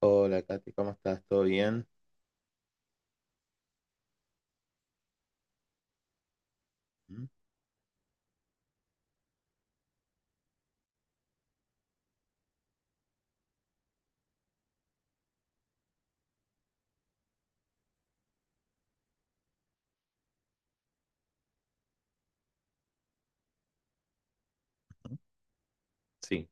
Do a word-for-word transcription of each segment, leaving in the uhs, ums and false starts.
Hola, Katy, ¿cómo estás? ¿Todo bien? ¿Mm? Sí.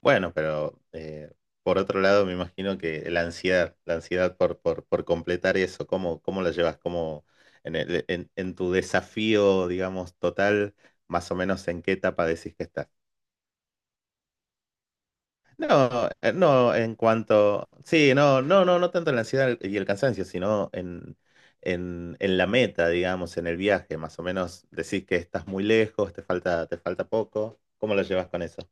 Bueno, pero eh, por otro lado, me imagino que la ansiedad, la ansiedad por, por, por completar eso, ¿cómo, cómo la llevas? ¿Cómo en el- en, en tu desafío, digamos, total, más o menos en qué etapa decís que estás? No, eh, no, en cuanto. Sí, no, no, no, no tanto en la ansiedad y el cansancio, sino en, en, en la meta, digamos, en el viaje. Más o menos decís que estás muy lejos, te falta, te falta poco. ¿Cómo lo llevas con eso?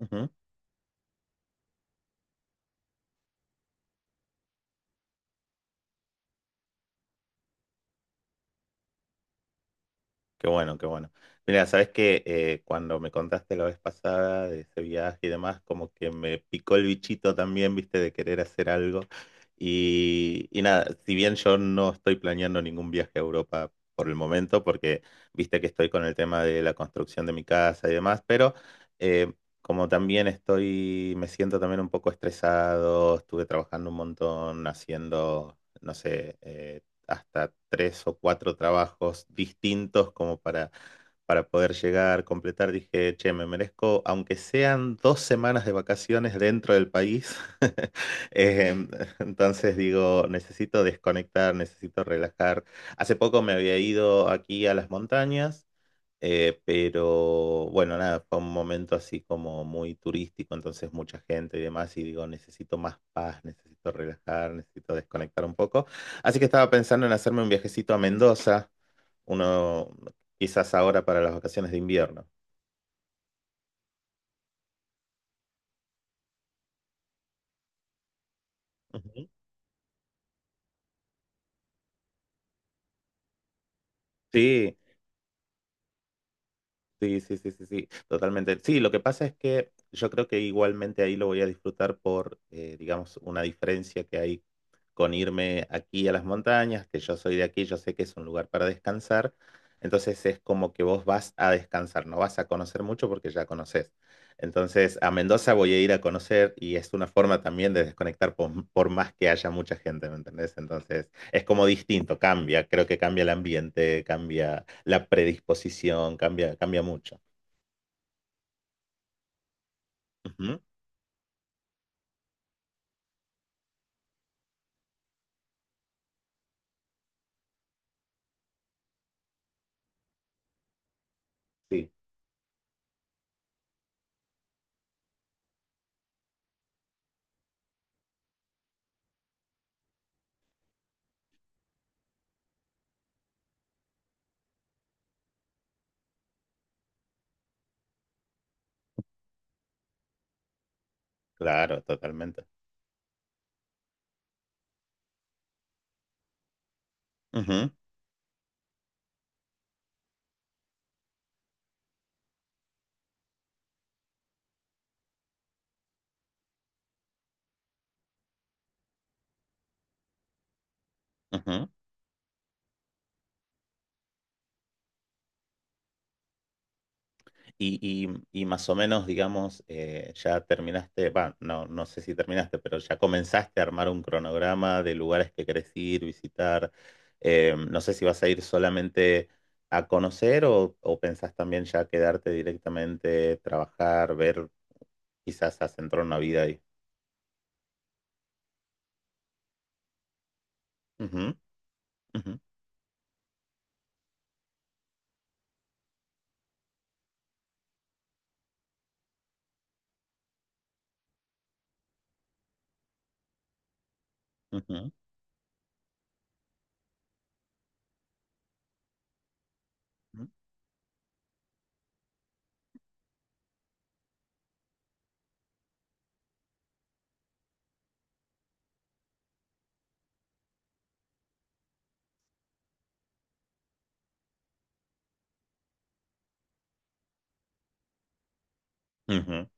Ujú. Qué bueno, qué bueno. Mira, sabes que cuando me contaste la vez pasada de ese viaje y demás, como que me picó el bichito también, viste, de querer hacer algo. Y, y nada, si bien yo no estoy planeando ningún viaje a Europa por el momento, porque viste que estoy con el tema de la construcción de mi casa y demás, pero eh, como también estoy, me siento también un poco estresado, estuve trabajando un montón haciendo, no sé, eh, hasta tres o cuatro trabajos distintos como para, para poder llegar, completar. Dije, che, me merezco, aunque sean dos semanas de vacaciones dentro del país. Eh, entonces digo, necesito desconectar, necesito relajar. Hace poco me había ido aquí a las montañas, eh, pero bueno, nada, fue un momento así como muy turístico, entonces mucha gente y demás, y digo, necesito más paz, necesito relajar, necesito desconectar un poco. Así que estaba pensando en hacerme un viajecito a Mendoza, uno quizás ahora para las vacaciones de invierno. Ujú. Sí. Sí, sí, sí, sí, sí, totalmente. Sí, lo que pasa es que yo creo que igualmente ahí lo voy a disfrutar por, eh, digamos, una diferencia que hay con irme aquí a las montañas, que yo soy de aquí, yo sé que es un lugar para descansar, entonces es como que vos vas a descansar, no vas a conocer mucho porque ya conoces. Entonces a Mendoza voy a ir a conocer y es una forma también de desconectar por, por más que haya mucha gente, ¿me entendés? Entonces es como distinto, cambia, creo que cambia el ambiente, cambia la predisposición, cambia, cambia mucho. Ujú. Sí, claro, totalmente. Ujú, ujú. Y, y- y más o menos, digamos, eh, ya terminaste, va, no, no sé si terminaste, pero ya comenzaste a armar un cronograma de lugares que querés ir, visitar. Eh, no sé si vas a ir solamente a conocer o, o pensás también ya quedarte directamente, trabajar, ver, quizás asentar una vida ahí. Ujú, ujú. Ujú, ujú, ujú,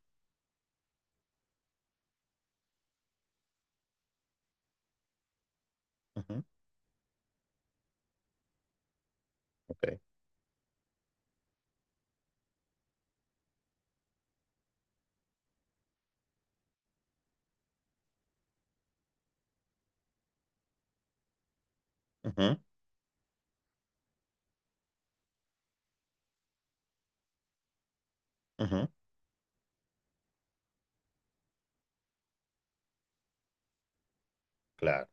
ujú, ok, ujú, ujú, claro.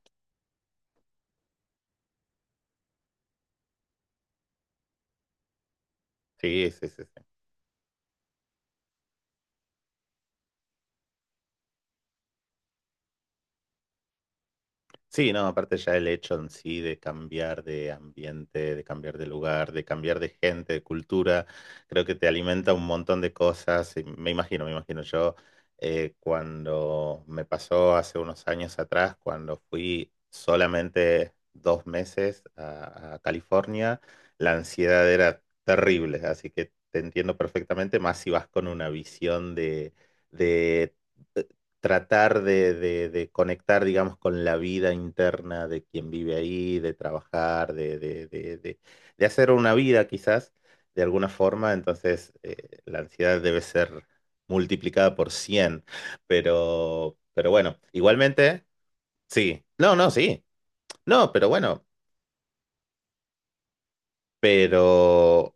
Sí, sí, sí, sí. Sí, no, aparte ya el hecho en sí de cambiar de ambiente, de cambiar de lugar, de cambiar de gente, de cultura, creo que te alimenta un montón de cosas. Y me imagino, me imagino yo, eh, cuando me pasó hace unos años atrás, cuando fui solamente dos meses a, a California, la ansiedad era terrible, así que te entiendo perfectamente, más si vas con una visión de... de eh, tratar de, de- de conectar, digamos, con la vida interna de quien vive ahí, de trabajar, de, de, de, de- de hacer una vida quizás, de alguna forma. Entonces, eh, la ansiedad debe ser multiplicada por cien. pero, pero bueno, igualmente, sí, no, no, sí, no, pero bueno, pero...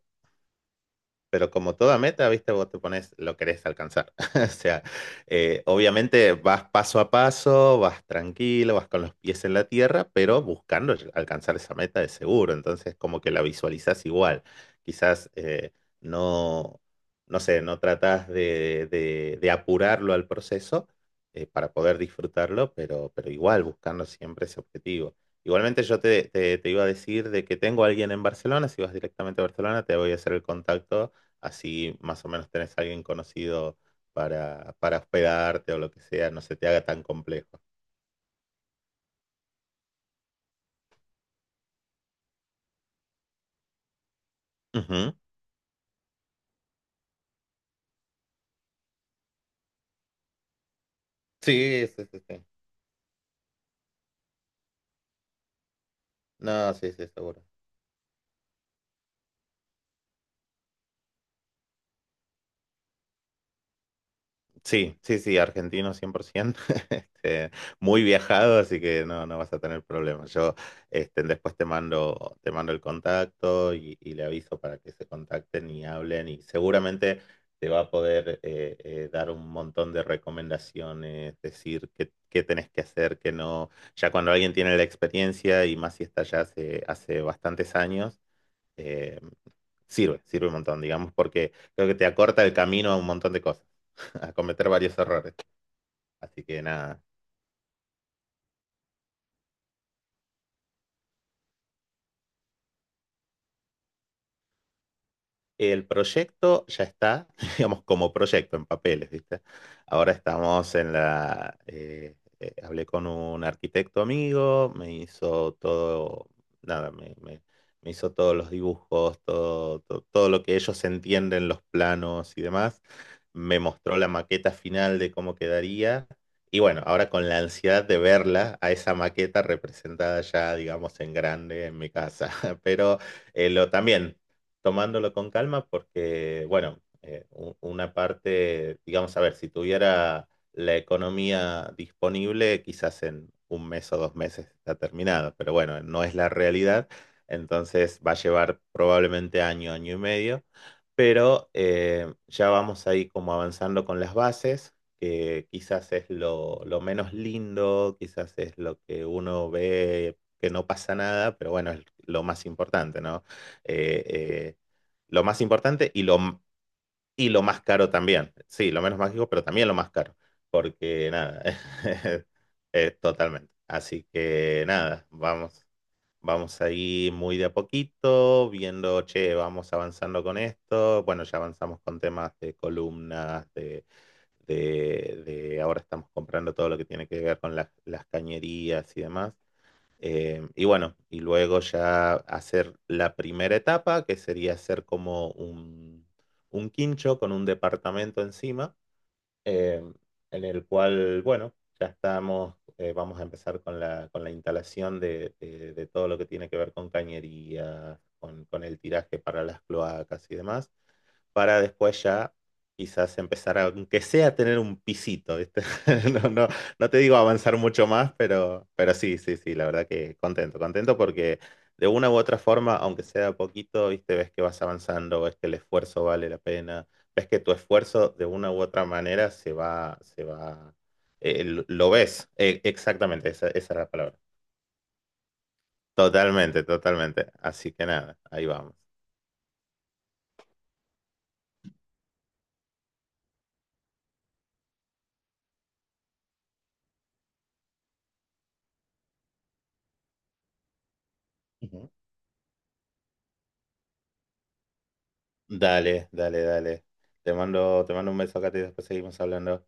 Pero como toda meta, viste, vos te pones lo querés alcanzar. O sea, eh, obviamente vas paso a paso, vas tranquilo, vas con los pies en la tierra, pero buscando alcanzar esa meta de seguro. Entonces, como que la visualizás igual. Quizás eh, no, no sé, no tratás de, de- de apurarlo al proceso, eh, para poder disfrutarlo, pero, pero igual buscando siempre ese objetivo. Igualmente yo te, te te iba a decir de que tengo a alguien en Barcelona, si vas directamente a Barcelona, te voy a hacer el contacto así más o menos tenés a alguien conocido para, para hospedarte o lo que sea, no se te haga tan complejo. Ujú. Sí, sí, sí, sí. No, sí, sí, seguro. Sí, sí, sí, argentino cien por ciento, este, muy viajado, así que no, no vas a tener problemas. Yo este, después te mando, te mando el contacto y, y le aviso para que se contacten y hablen y seguramente te va a poder eh, eh, dar un montón de recomendaciones, decir qué, qué tenés que hacer, qué no. Ya cuando alguien tiene la experiencia y más si está ya hace, hace bastantes años, eh, sirve, sirve un montón, digamos, porque creo que te acorta el camino a un montón de cosas, a cometer varios errores. Así que nada, el proyecto ya está, digamos, como proyecto en papeles, ¿viste? Ahora estamos en la... eh, eh, hablé con un arquitecto amigo, me hizo todo, nada, me, me- me hizo todos los dibujos, todo, to- todo lo que ellos entienden, los planos y demás. Me mostró la maqueta final de cómo quedaría. Y bueno, ahora con la ansiedad de verla, a esa maqueta representada ya, digamos, en grande en mi casa. Pero eh, lo también tomándolo con calma porque, bueno, eh, u- una parte, digamos, a ver, si tuviera la economía disponible, quizás en un mes o dos meses está terminado, pero bueno, no es la realidad, entonces va a llevar probablemente año, año y medio, pero eh, ya vamos ahí como avanzando con las bases, que quizás es lo, lo menos lindo, quizás es lo que uno ve que no pasa nada, pero bueno, es lo más importante, ¿no? eh, eh, lo más importante y lo, y lo más caro también. Sí, lo menos mágico, pero también lo más caro, porque nada, eh, totalmente. Así que nada, vamos, vamos ahí muy de a poquito, viendo, che, vamos avanzando con esto. Bueno, ya avanzamos con temas de columnas, de, de, de ahora estamos comprando todo lo que tiene que ver con las las cañerías y demás. Eh, y bueno, y luego ya hacer la primera etapa, que sería hacer como un, un quincho con un departamento encima, eh, en el cual, bueno, ya estamos, eh, vamos a empezar con la, con la instalación de, de- de todo lo que tiene que ver con cañería, con, con el tiraje para las cloacas y demás para después ya quizás empezar a, aunque sea a tener un pisito, ¿viste? No, no, no te digo avanzar mucho más, pero, pero sí, sí, sí, la verdad que contento, contento porque de una u otra forma, aunque sea poquito, ¿viste? Ves que vas avanzando, ves que el esfuerzo vale la pena, ves que tu esfuerzo de una u otra manera se va, se va, eh, lo lo ves. Eh, exactamente, esa, esa es la palabra. Totalmente, totalmente. Así que nada, ahí vamos. Dale, dale, dale. Te mando, te mando un beso acá y después seguimos hablando.